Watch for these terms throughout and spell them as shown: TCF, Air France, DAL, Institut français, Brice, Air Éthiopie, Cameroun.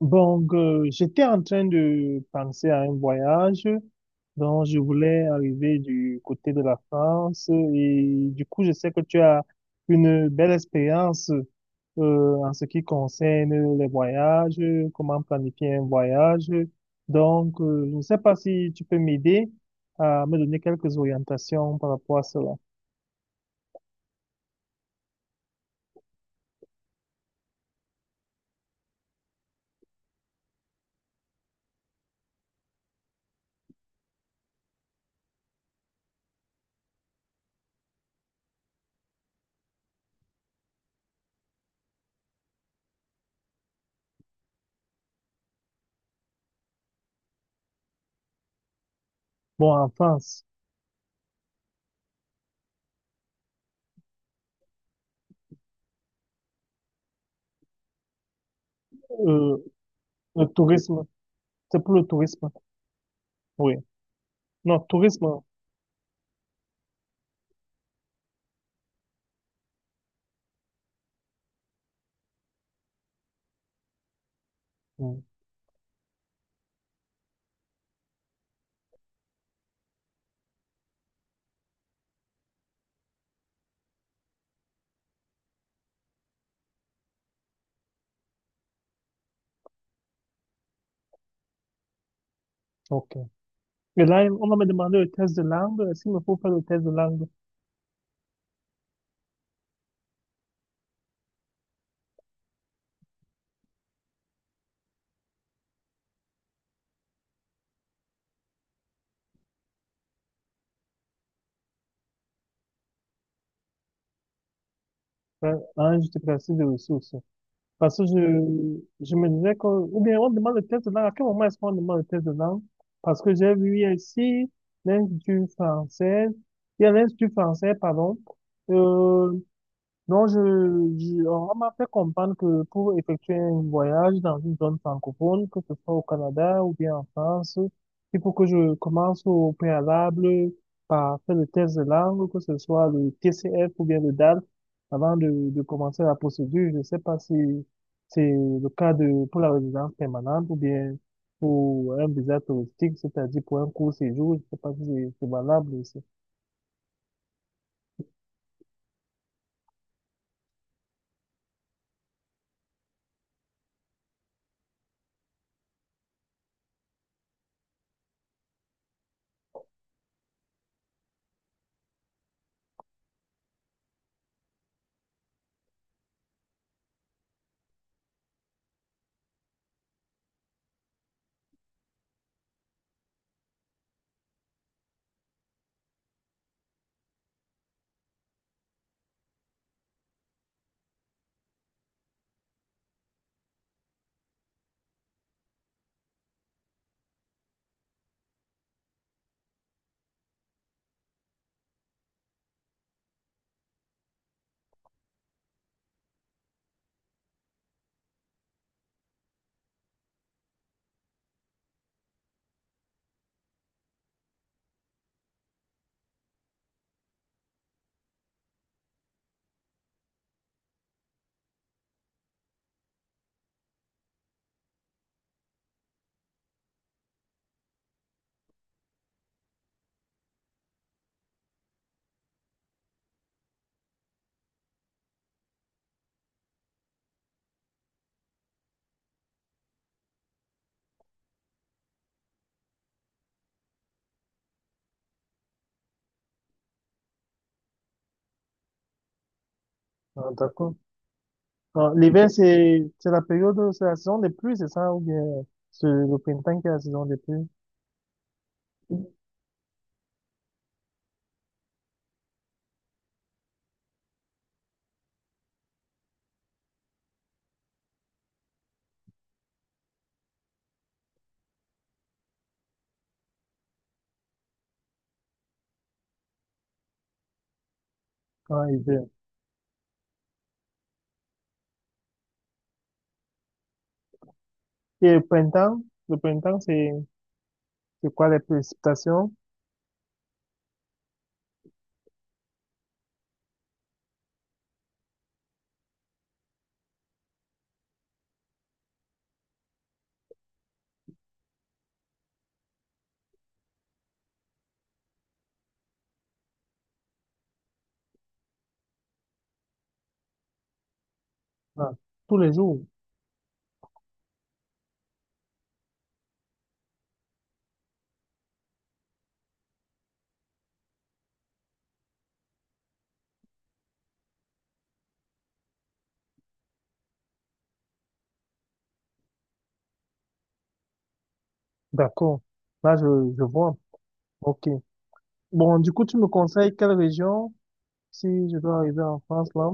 J'étais en train de penser à un voyage dont je voulais arriver du côté de la France, et du coup, je sais que tu as une belle expérience en ce qui concerne les voyages, comment planifier un voyage. Je ne sais pas si tu peux m'aider à me donner quelques orientations par rapport à cela. Bon, en France, euh, le tourisme, c'est pour le tourisme. Oui. Non, tourisme. Hmm. Ok. Et là, on va me demander le test de langue. Est-ce qu'il me faut faire le test de langue? Ah hein, j'étais placé de ressources. Parce que je me disais que, ou bien on demande le test de langue. À quel moment est-ce qu'on demande le test de langue? Parce que j'ai vu ici l'Institut français, il y a l'Institut français, pardon, e, donc je, on m'a fait comprendre que pour effectuer un voyage dans une zone francophone, que ce soit au Canada ou bien en France, il faut que je commence au préalable par faire le test de langue, que ce soit le TCF ou bien le DAL, avant de commencer la procédure. Je ne sais pas si c'est le cas de, pour la résidence permanente ou bien pour un visa touristique, c'est-à-dire pour un court séjour. Je ne sais pas si c'est valable aussi. Ah, d'accord. Ah, l'hiver, c'est la période, c'est la saison des pluies, c'est ça? Ou bien c'est le printemps qui est la saison des pluies? Ah, hiver. Et le printemps, c'est quoi les précipitations? Ah, tous les jours. D'accord. Là, je vois. OK. Bon, du coup, tu me conseilles quelle région si je dois arriver en France, là?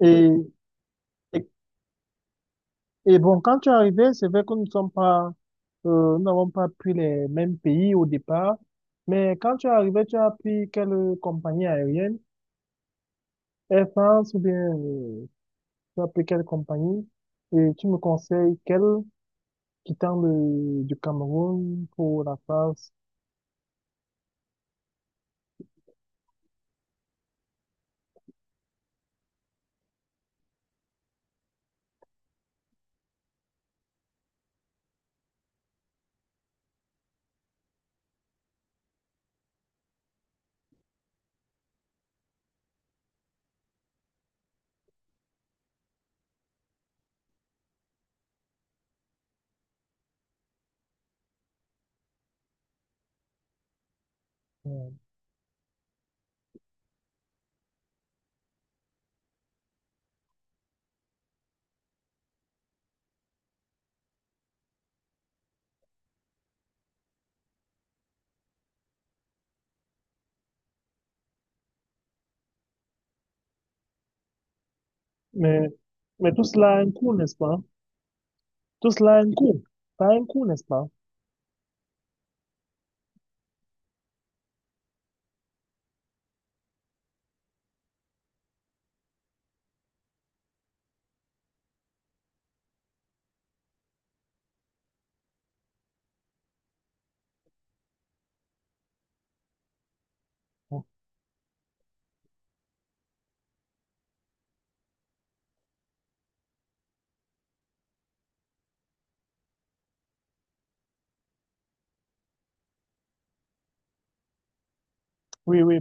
Et, et, et bon, quand tu es arrivé, c'est vrai que nous ne sommes pas, nous n'avons pas pris les mêmes pays au départ. Mais quand tu es arrivé, tu as pris quelle compagnie aérienne? Air France ou bien tu as pris quelle compagnie et tu me conseilles quelle quittant du Cameroun pour la France. euh, Mais, mais tout cela a un coût, n'est-ce pas? Tout cela a un coût. Ça a un coût, n'est-ce pas? Oui, oui.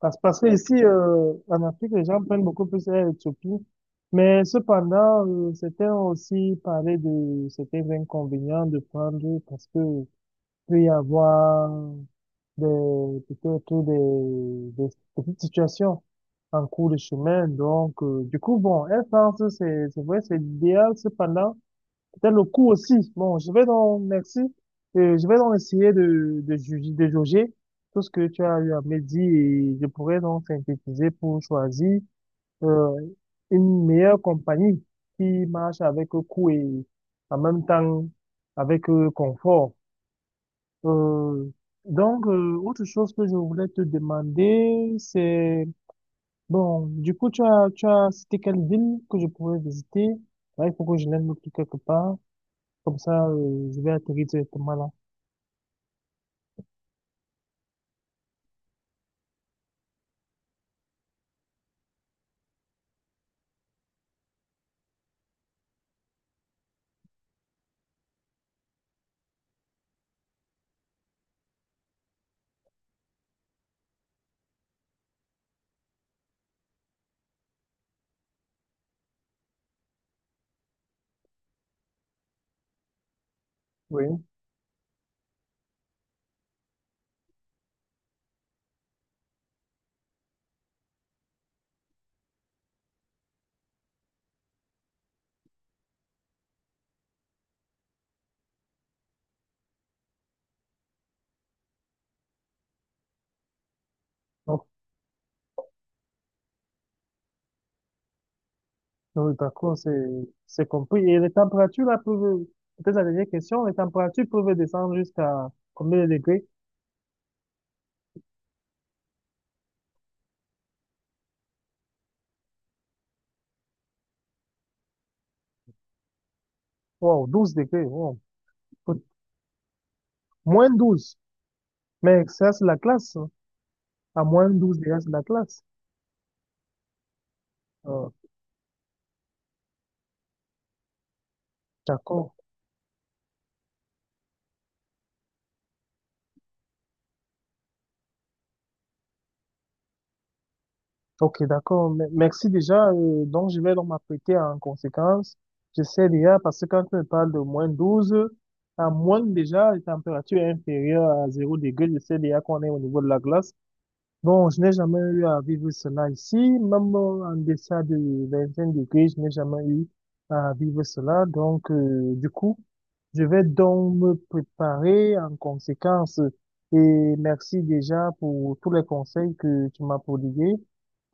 Parce que ici, en Afrique, les gens prennent beaucoup plus Air Éthiopie. Mais cependant, certains ont aussi parlé de certains inconvénients de prendre parce que peut y avoir des, peut-être des petites situations en cours de chemin. Du coup, bon, Air France, c'est vrai, c'est l'idéal. Cependant, peut-être le coût aussi. Bon, je vais donc, merci. Je vais donc essayer de juger, de jauger tout ce que tu as eu à me dire et je pourrais donc synthétiser pour choisir, euh, une meilleure compagnie qui marche avec coût et en même temps avec confort. Euh, Autre chose que je voulais te demander, c'est, bon, du coup, tu as cité quelle ville que je pourrais visiter? Ouais, il faut que je l'aime noter quelque part. Comme ça, je vais atterrir directement là. Oui. Donc, d'accord, c'est compris. Et les températures, là, peut-être la dernière question, les températures peuvent descendre jusqu'à combien de degrés? Wow, 12 degrés, wow. Écoute, moins douze. Mais ça, c'est la classe, hein. À moins douze degrés, c'est la classe. Euh, d'accord. Ok, d'accord. Merci déjà. Donc, je vais donc m'apprêter en conséquence. Je sais déjà, parce que quand tu me parles de moins 12, à moins déjà, la température est inférieure à zéro degré. Je sais déjà qu'on est au niveau de la glace. Bon, je n'ai jamais eu à vivre cela ici, même en deçà de 25 degrés, je n'ai jamais eu à vivre cela. Du coup, je vais donc me préparer en conséquence. Et merci déjà pour tous les conseils que tu m'as prodigués.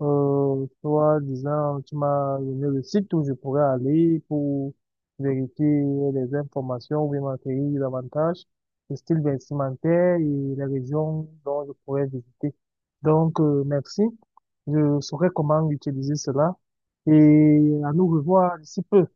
Toi, disant, tu m'as donné le site où je pourrais aller pour vérifier les informations ou bien m'acquérir davantage, le style vestimentaire et les régions dont je pourrais donc, merci. Je saurai comment utiliser cela et à nous revoir d'ici peu.